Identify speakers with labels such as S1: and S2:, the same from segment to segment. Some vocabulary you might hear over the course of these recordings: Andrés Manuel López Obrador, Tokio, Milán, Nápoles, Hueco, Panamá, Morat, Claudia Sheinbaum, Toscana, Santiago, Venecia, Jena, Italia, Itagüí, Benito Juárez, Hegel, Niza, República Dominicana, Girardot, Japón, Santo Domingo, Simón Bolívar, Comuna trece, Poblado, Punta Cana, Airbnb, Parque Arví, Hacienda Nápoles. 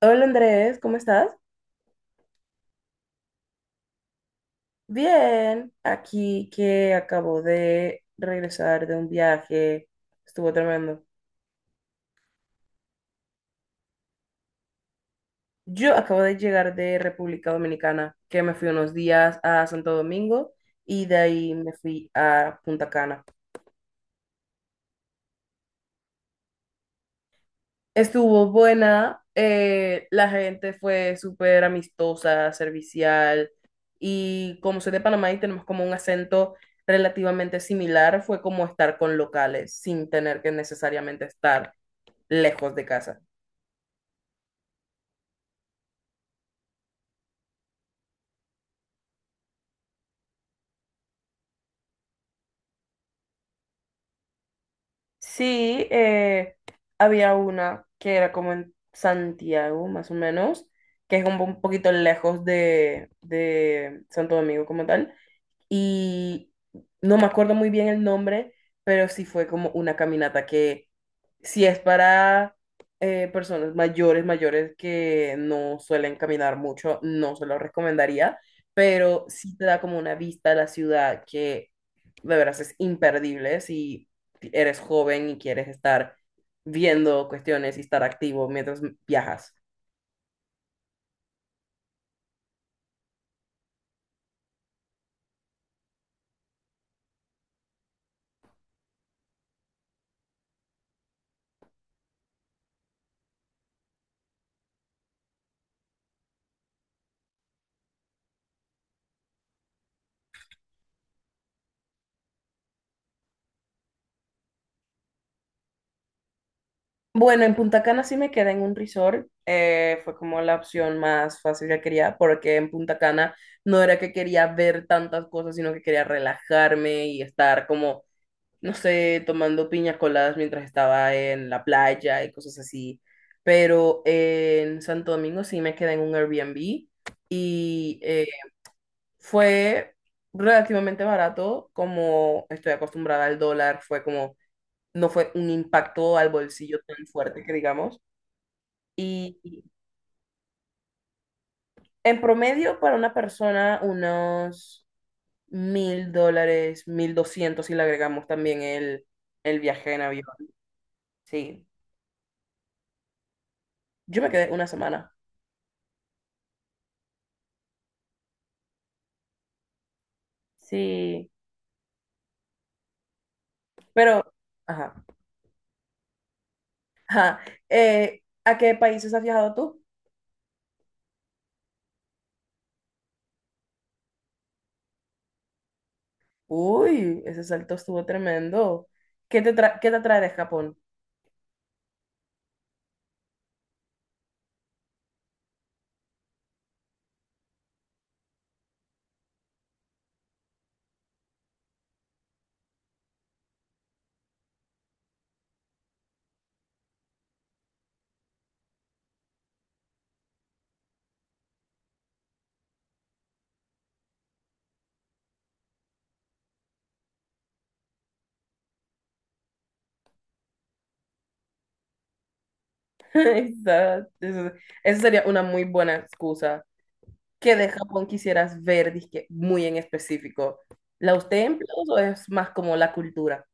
S1: Hola Andrés, ¿cómo estás? Bien, aquí que acabo de regresar de un viaje, estuvo tremendo. Yo acabo de llegar de República Dominicana, que me fui unos días a Santo Domingo y de ahí me fui a Punta Cana. Estuvo buena, la gente fue súper amistosa, servicial y como soy de Panamá y tenemos como un acento relativamente similar, fue como estar con locales sin tener que necesariamente estar lejos de casa. Sí, había una que era como en Santiago, más o menos, que es como un poquito lejos de Santo Domingo como tal, y no me acuerdo muy bien el nombre, pero sí fue como una caminata que si es para personas mayores, mayores que no suelen caminar mucho, no se lo recomendaría, pero sí te da como una vista a la ciudad que de veras es imperdible si eres joven y quieres estar viendo cuestiones y estar activo mientras viajas. Bueno, en Punta Cana sí me quedé en un resort, fue como la opción más fácil que quería, porque en Punta Cana no era que quería ver tantas cosas, sino que quería relajarme y estar como, no sé, tomando piñas coladas mientras estaba en la playa y cosas así. Pero en Santo Domingo sí me quedé en un Airbnb y fue relativamente barato, como estoy acostumbrada al dólar, fue como, no fue un impacto al bolsillo tan fuerte que digamos. Y en promedio para una persona unos $1000, 1200 si le agregamos también el viaje en avión. Sí, yo me quedé una semana. Sí, pero, ajá. Ajá. ¿A qué países has viajado tú? Uy, ese salto estuvo tremendo. ¿Qué te atrae de Japón? Esa- esa- Esa sería una muy buena excusa. ¿Qué de Japón quisieras ver, disque, muy en específico? ¿Los templos o es más como la cultura?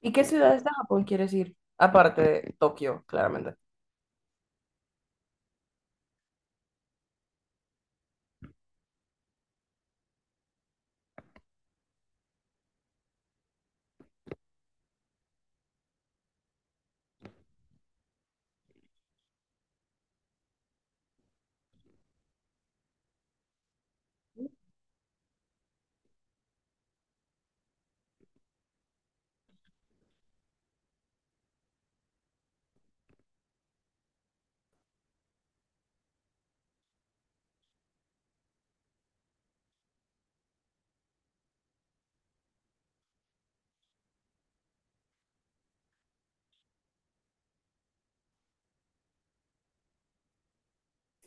S1: ¿Y qué ciudades de Japón quieres ir? Aparte de Tokio, claramente.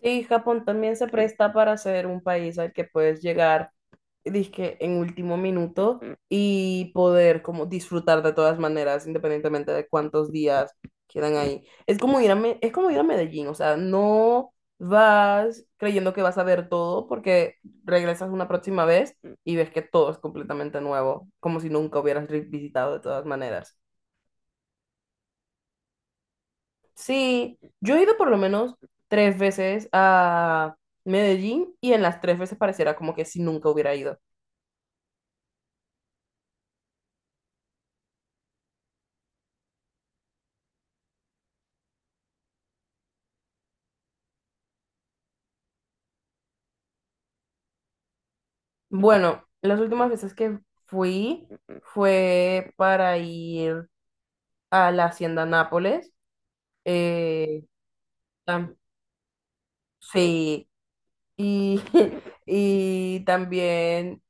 S1: Sí, Japón también se presta para ser un país al que puedes llegar dizque en último minuto y poder como disfrutar de todas maneras, independientemente de cuántos días quedan ahí. Es como ir a Medellín, o sea, no vas creyendo que vas a ver todo porque regresas una próxima vez y ves que todo es completamente nuevo, como si nunca hubieras visitado de todas maneras. Sí, yo he ido por lo menos tres veces a Medellín y en las tres veces pareciera como que si nunca hubiera ido. Bueno, las últimas veces que fui fue para ir a la Hacienda Nápoles. eh, tam- sí, y, y también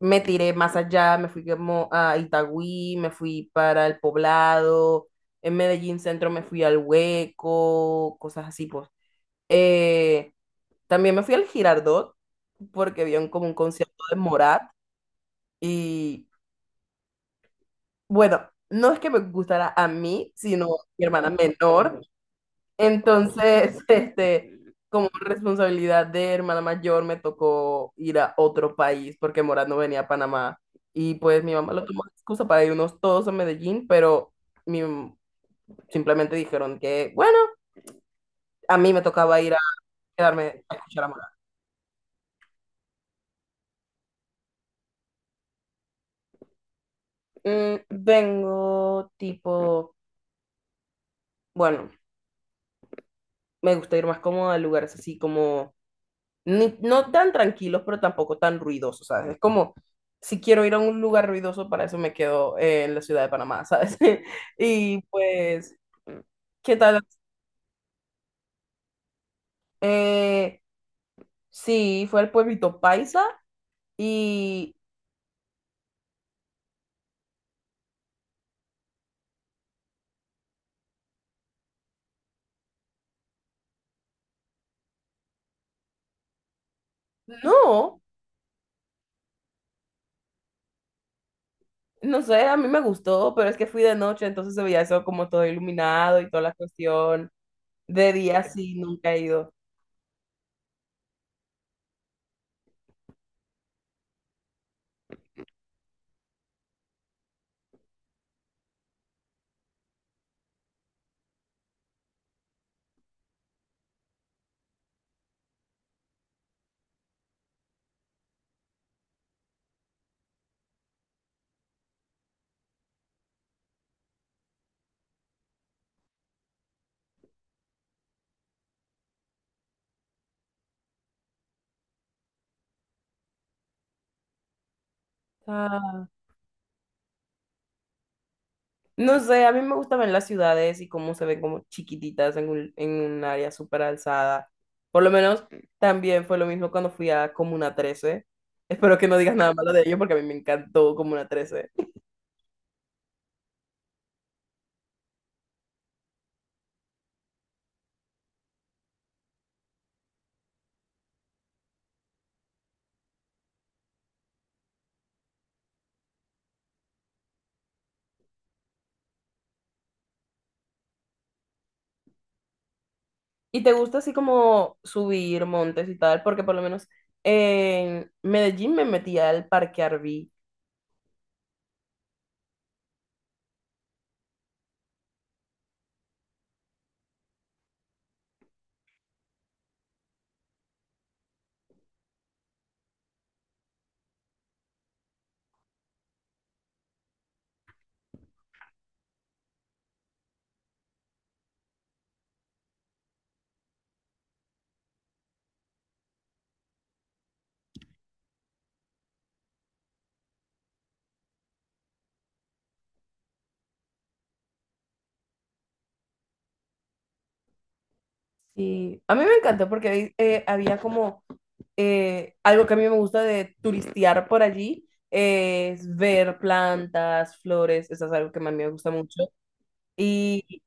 S1: me tiré más allá, me fui como a Itagüí, me fui para el Poblado, en Medellín Centro me fui al Hueco, cosas así, pues. Eh, También me fui al Girardot porque había como un concierto de Morat. Y Bueno, no es que me gustara a mí, sino a mi hermana menor. Entonces, como responsabilidad de hermana mayor, me tocó ir a otro país porque Morat no venía a Panamá. Y pues mi mamá lo tomó de excusa para irnos todos a Medellín, pero mi- simplemente dijeron que, bueno, a mí me tocaba ir a quedarme a escuchar a Morat. Vengo tipo, bueno, me gusta ir más cómoda a lugares así como no tan tranquilos, pero tampoco tan ruidosos, ¿sabes? Es como, si quiero ir a un lugar ruidoso, para eso me quedo en la ciudad de Panamá, ¿sabes? Y pues, ¿qué tal? Eh, sí, fue al pueblito Paisa y no, no sé, a mí me gustó, pero es que fui de noche, entonces se veía eso como todo iluminado y toda la cuestión. De día sí, nunca he ido. No sé, a mí me gusta ver las ciudades y cómo se ven como chiquititas en un área súper alzada. Por lo menos también fue lo mismo cuando fui a Comuna 13. Espero que no digas nada malo de ello porque a mí me encantó Comuna 13. ¿Y te gusta así como subir montes y tal? Porque por lo menos en Medellín me metí al Parque Arví. Sí, a mí me encantó porque había como algo que a mí me gusta de turistear por allí, es ver plantas, flores, eso es algo que a mí me gusta mucho. Y,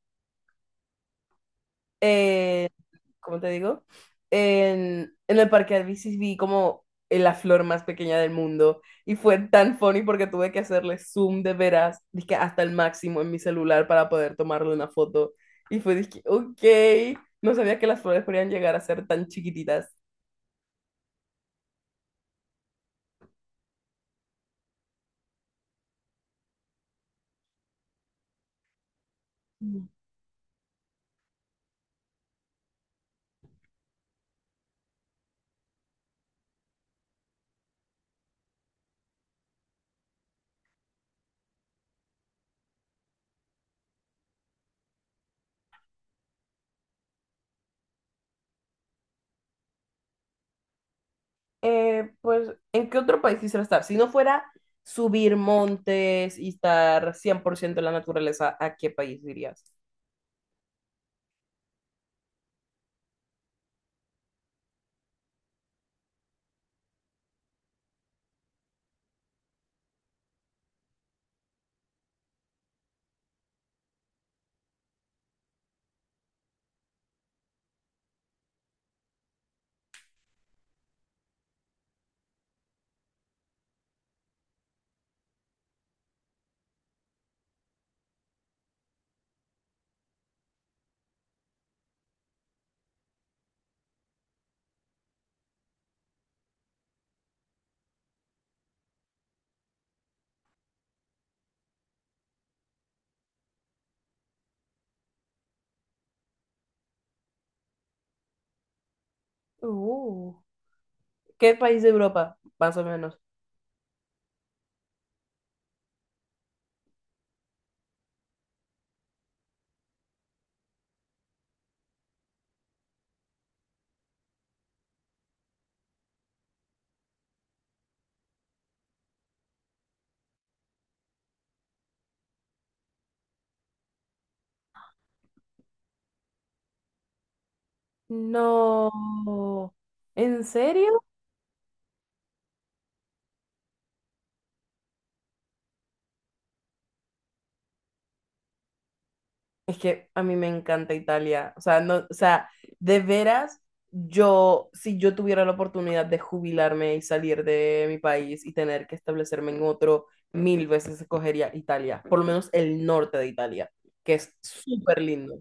S1: eh, ¿cómo te digo? En el parque de bicis vi como en la flor más pequeña del mundo y fue tan funny porque tuve que hacerle zoom de veras, dizque hasta el máximo en mi celular para poder tomarle una foto. Y fue, dizque, ok, no sabía que las flores podían llegar a ser tan chiquititas. Pues, ¿en qué otro país quisiera estar? Si no fuera subir montes y estar 100% en la naturaleza, ¿a qué país dirías? Uh, ¿Qué país de Europa, más o menos? No. ¿En serio? Es que a mí me encanta Italia. O sea, no, o sea, de veras, yo, si yo tuviera la oportunidad de jubilarme y salir de mi país y tener que establecerme en otro, mil veces escogería Italia, por lo menos el norte de Italia, que es súper lindo.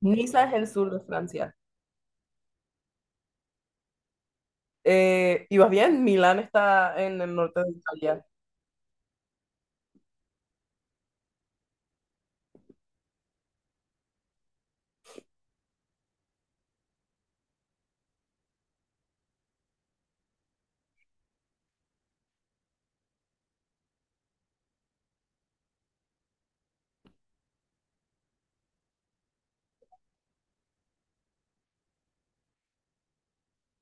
S1: Niza es el sur de Francia. ¿Y vas bien? Milán está en el norte de Italia.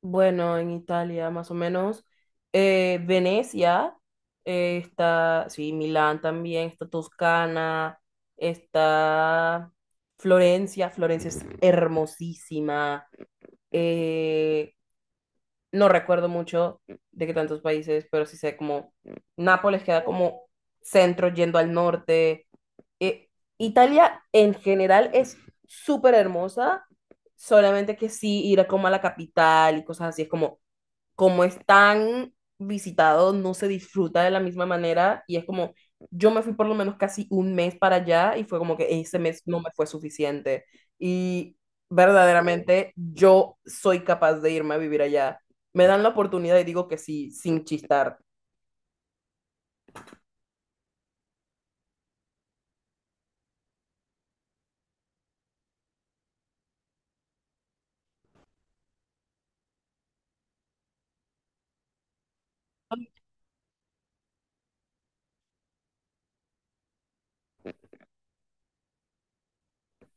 S1: Bueno, en Italia, más o menos. Venecia, está, sí, Milán también, está Toscana, está Florencia. Florencia es hermosísima. eh, no recuerdo mucho de qué tantos países, pero sí sé como Nápoles queda como centro yendo al norte. eh, Italia en general es súper hermosa, solamente que sí ir como a la capital y cosas así es como es tan visitado, no se disfruta de la misma manera y es como, yo me fui por lo menos casi un mes para allá y fue como que ese mes no me fue suficiente. Y verdaderamente yo soy capaz de irme a vivir allá. Me dan la oportunidad y digo que sí, sin chistar.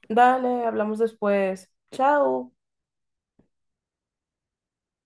S1: Dale, hablamos después. Chao.